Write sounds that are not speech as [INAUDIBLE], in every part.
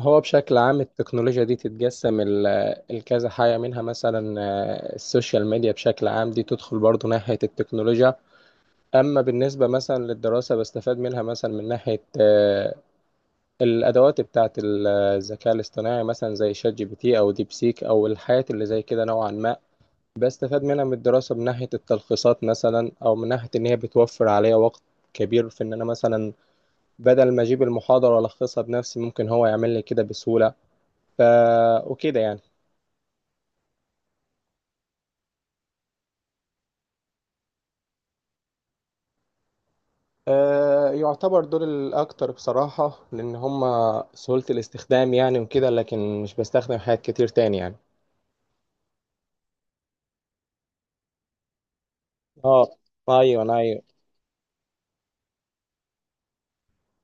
هو بشكل عام التكنولوجيا دي تتجسم الكذا حاجة منها مثلا، السوشيال ميديا بشكل عام دي تدخل برضو ناحية التكنولوجيا. أما بالنسبة مثلا للدراسة بستفاد منها مثلا من ناحية الأدوات بتاعة الذكاء الاصطناعي مثلا زي شات جي بي تي أو ديب سيك أو الحاجات اللي زي كده نوعا ما، بستفاد منها من الدراسة من ناحية التلخيصات مثلا، أو من ناحية إن هي بتوفر عليا وقت كبير في إن أنا مثلا بدل ما أجيب المحاضرة وألخصها بنفسي ممكن هو يعمل لي كده بسهولة. ف... وكده يعني. يعتبر دول الأكتر بصراحة، لأن هما سهولة الاستخدام يعني وكده، لكن مش بستخدم حاجات كتير تاني يعني. اه، أيوه أيوه،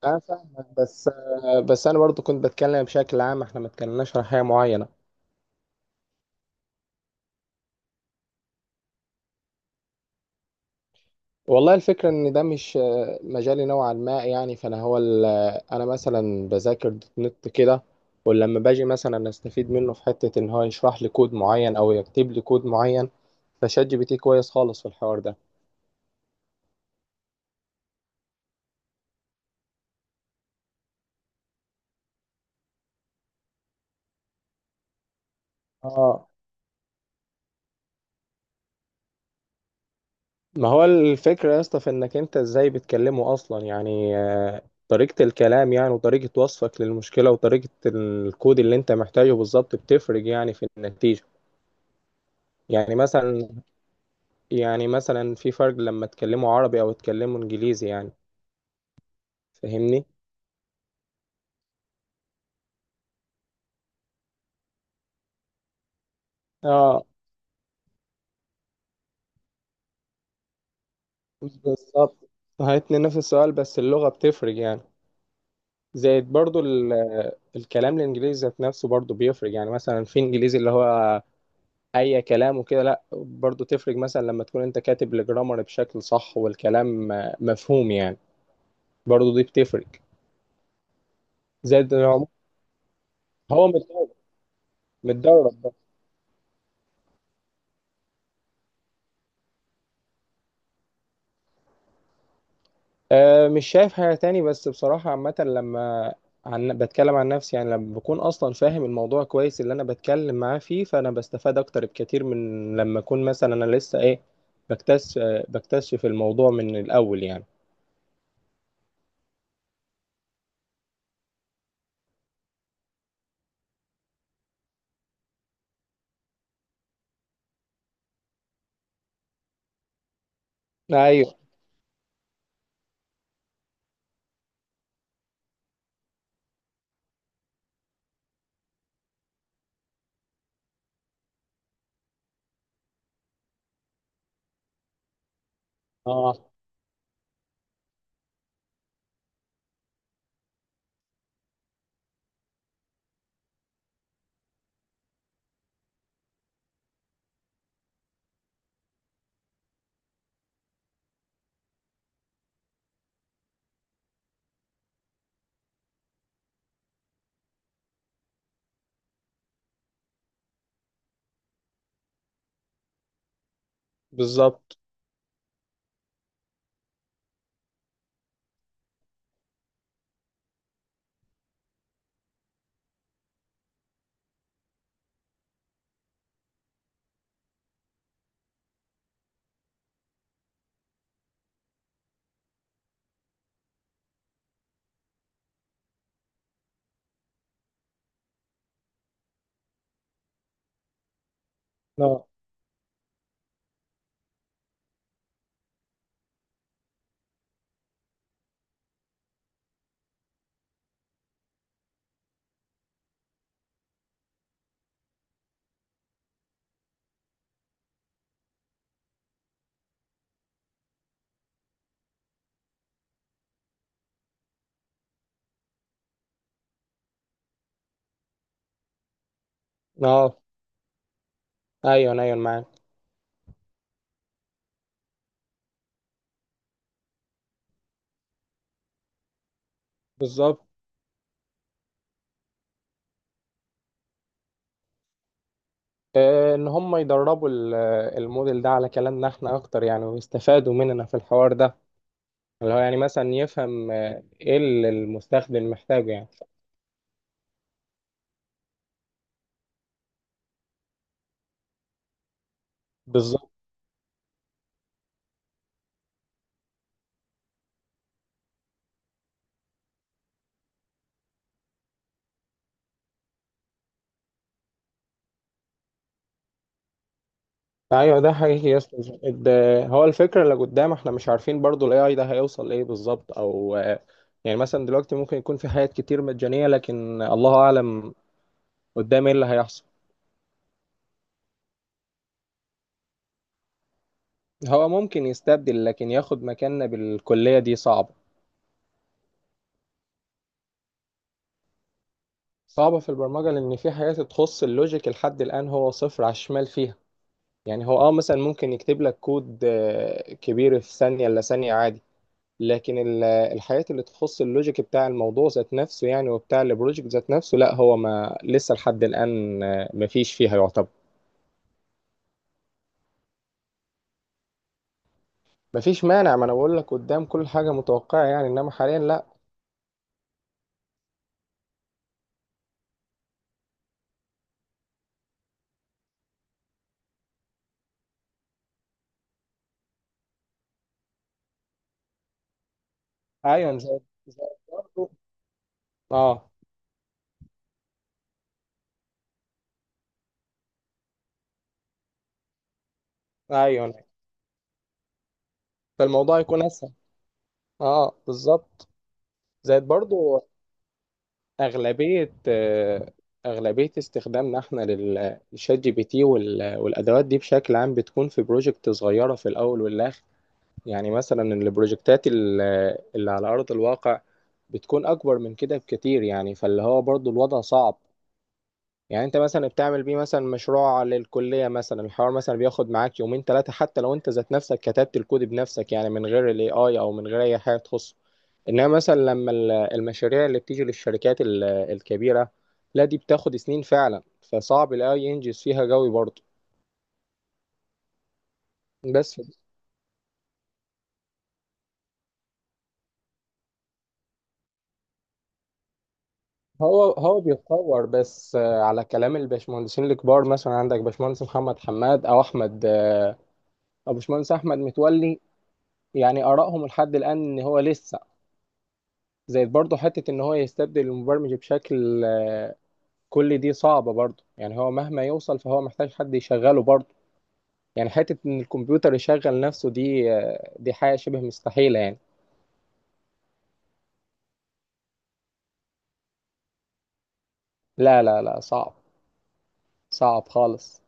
أنا فاهمك. بس بس أنا برضو كنت بتكلم بشكل عام، احنا ما اتكلمناش عن حاجة معينة. والله الفكرة إن ده مش مجالي نوعا ما يعني. فأنا هو ال- آه، أنا مثلا بذاكر دوت نت كده، ولما باجي مثلا أستفيد منه في حتة إن هو يشرح لي كود معين أو يكتب لي كود معين، فشات جي بي تي كويس خالص في الحوار ده. اه، ما هو الفكرة يا اسطى في انك انت ازاي بتكلمه اصلا يعني، طريقة الكلام يعني، وطريقة وصفك للمشكلة، وطريقة الكود اللي انت محتاجه بالظبط بتفرق يعني في النتيجة. يعني مثلا يعني مثلا في فرق لما تكلمه عربي او تكلمه انجليزي يعني. فاهمني؟ اه بالظبط، هاتني نفس السؤال بس اللغة بتفرق يعني. زائد برضو ال- الكلام الانجليزي ذات نفسه برضو بيفرق يعني. مثلا في انجليزي اللي هو اي كلام وكده لا، برضو تفرق مثلا لما تكون انت كاتب الجرامر بشكل صح والكلام مفهوم يعني، برضو دي بتفرق. زائد إن هو متدرب، متدرب بقى. أه، مش شايف حاجة تاني، بس بصراحة عامة لما بتكلم عن نفسي يعني، لما بكون اصلا فاهم الموضوع كويس اللي انا بتكلم معاه فيه، فانا بستفاد اكتر بكتير من لما اكون مثلا انا لسه ايه، بكتشف بكتشف الموضوع من الاول يعني. ايوه اه بالظبط. اه اه ايوه ايوه، معاك بالظبط. ان هم يدربوا الموديل ده على كلامنا احنا اكتر يعني، ويستفادوا مننا في الحوار ده اللي هو يعني مثلا يفهم ايه اللي المستخدم محتاجه يعني. بالظبط، ايوه ده حقيقي يا اسطى. هو الفكره اللي قدام احنا مش عارفين برضو الاي اي ده هيوصل لايه بالظبط، او يعني مثلا دلوقتي ممكن يكون في حاجات كتير مجانيه، لكن الله اعلم قدام ايه اللي هيحصل. هو ممكن يستبدل، لكن ياخد مكاننا بالكليه دي صعبه. صعبة في البرمجة، لأن في حاجات تخص اللوجيك لحد الآن هو صفر على الشمال فيها. يعني هو مثلا ممكن يكتب لك كود كبير في ثانية إلا ثانية عادي، لكن الحاجات اللي تخص اللوجيك بتاع الموضوع ذات نفسه يعني، وبتاع البروجكت ذات نفسه، لا هو ما لسه لحد الآن مفيش فيها يعتبر. مفيش مانع، ما انا بقول لك قدام كل حاجة متوقعة يعني، انما حاليا لا. ايوه، زي، برضه اه ايوه، فالموضوع يكون اسهل. اه بالظبط، زائد برضه. أغلبية أغلبية استخدامنا احنا للشات جي بي تي والأدوات دي بشكل عام بتكون في بروجكت صغيرة في الأول والآخر. يعني مثلا اللي على أرض الواقع بتكون أكبر من كده بكتير يعني، فاللي هو برضو الوضع صعب. يعني انت مثلا بتعمل بيه مثلا مشروع للكلية مثلا، الحوار مثلا بياخد معاك يومين 3، حتى لو انت ذات نفسك كتبت الكود بنفسك يعني من غير الاي اي او من غير اي حاجة تخصه. انما مثلا لما المشاريع اللي بتيجي للشركات الكبيرة، لا دي بتاخد سنين فعلا، فصعب الاي ينجز فيها قوي برضه. بس هو بيتطور، بس على كلام الباشمهندسين الكبار، مثلا عندك باشمهندس محمد حماد او احمد او باشمهندس احمد متولي، يعني ارائهم لحد الان ان هو لسه. زائد برضه حتة إن هو يستبدل المبرمج بشكل كلي دي صعبة برضه يعني، هو مهما يوصل فهو محتاج حد يشغله برضه. يعني حتة إن الكمبيوتر يشغل نفسه دي دي حاجة شبه مستحيلة يعني. لا لا لا، صعب، صعب خالص.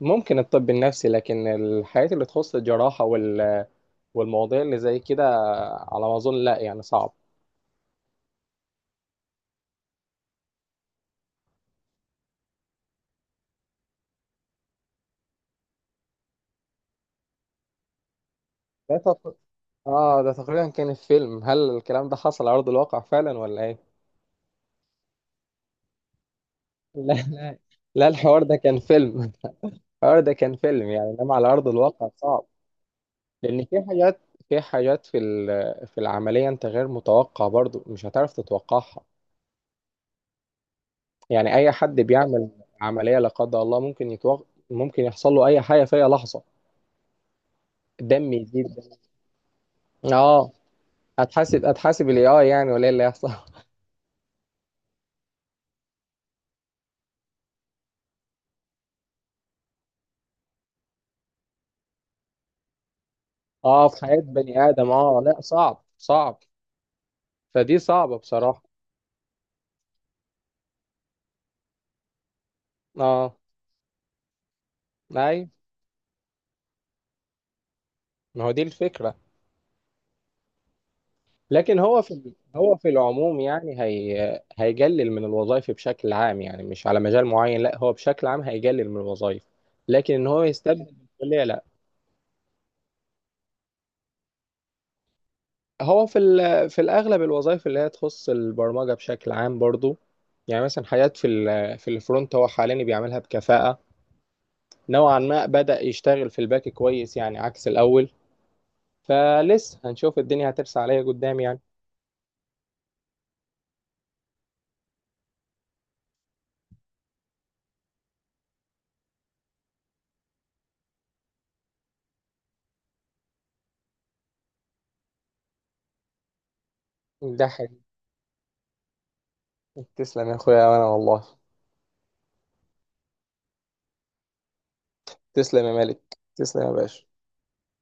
ممكن الطب النفسي، لكن الحاجات اللي تخص الجراحة والمواضيع اللي زي كده، على ما أظن لا يعني، صعب. ده تق... آه ده تقريبا كان في فيلم، هل الكلام ده حصل على أرض الواقع فعلا ولا إيه؟ [LAUGHS] لا لا لا، الحوار ده كان فيلم. اه ده كان فيلم يعني، انما على ارض الواقع صعب. لان في حاجات، في العمليه انت غير متوقع، برضو مش هتعرف تتوقعها. يعني اي حد بيعمل عمليه لا قدر الله ممكن ممكن يحصل له اي حاجه في اي لحظه. دم يزيد. اه، هتحاسب الاي اي يعني، ولا ايه اللي هيحصل؟ [LAUGHS] اه، في حياه بني ادم، اه لا صعب صعب، فدي صعبه بصراحه. اه اي، ما هو دي الفكره. لكن هو في العموم يعني، هي هيقلل من الوظائف بشكل عام يعني، مش على مجال معين، لا هو بشكل عام هيقلل من الوظائف. لكن ان هو يستبدل بالكلية لا. هو في الاغلب الوظائف اللي هي تخص البرمجة بشكل عام برضو. يعني مثلا حاجات في الفرونت هو حاليا بيعملها بكفاءة نوعا ما، بدأ يشتغل في الباك كويس يعني عكس الاول. فلسه هنشوف الدنيا هترسى عليا قدام يعني. ده حقيقي، تسلم يا اخويا وانا والله. تسلم يا مالك، تسلم يا باشا.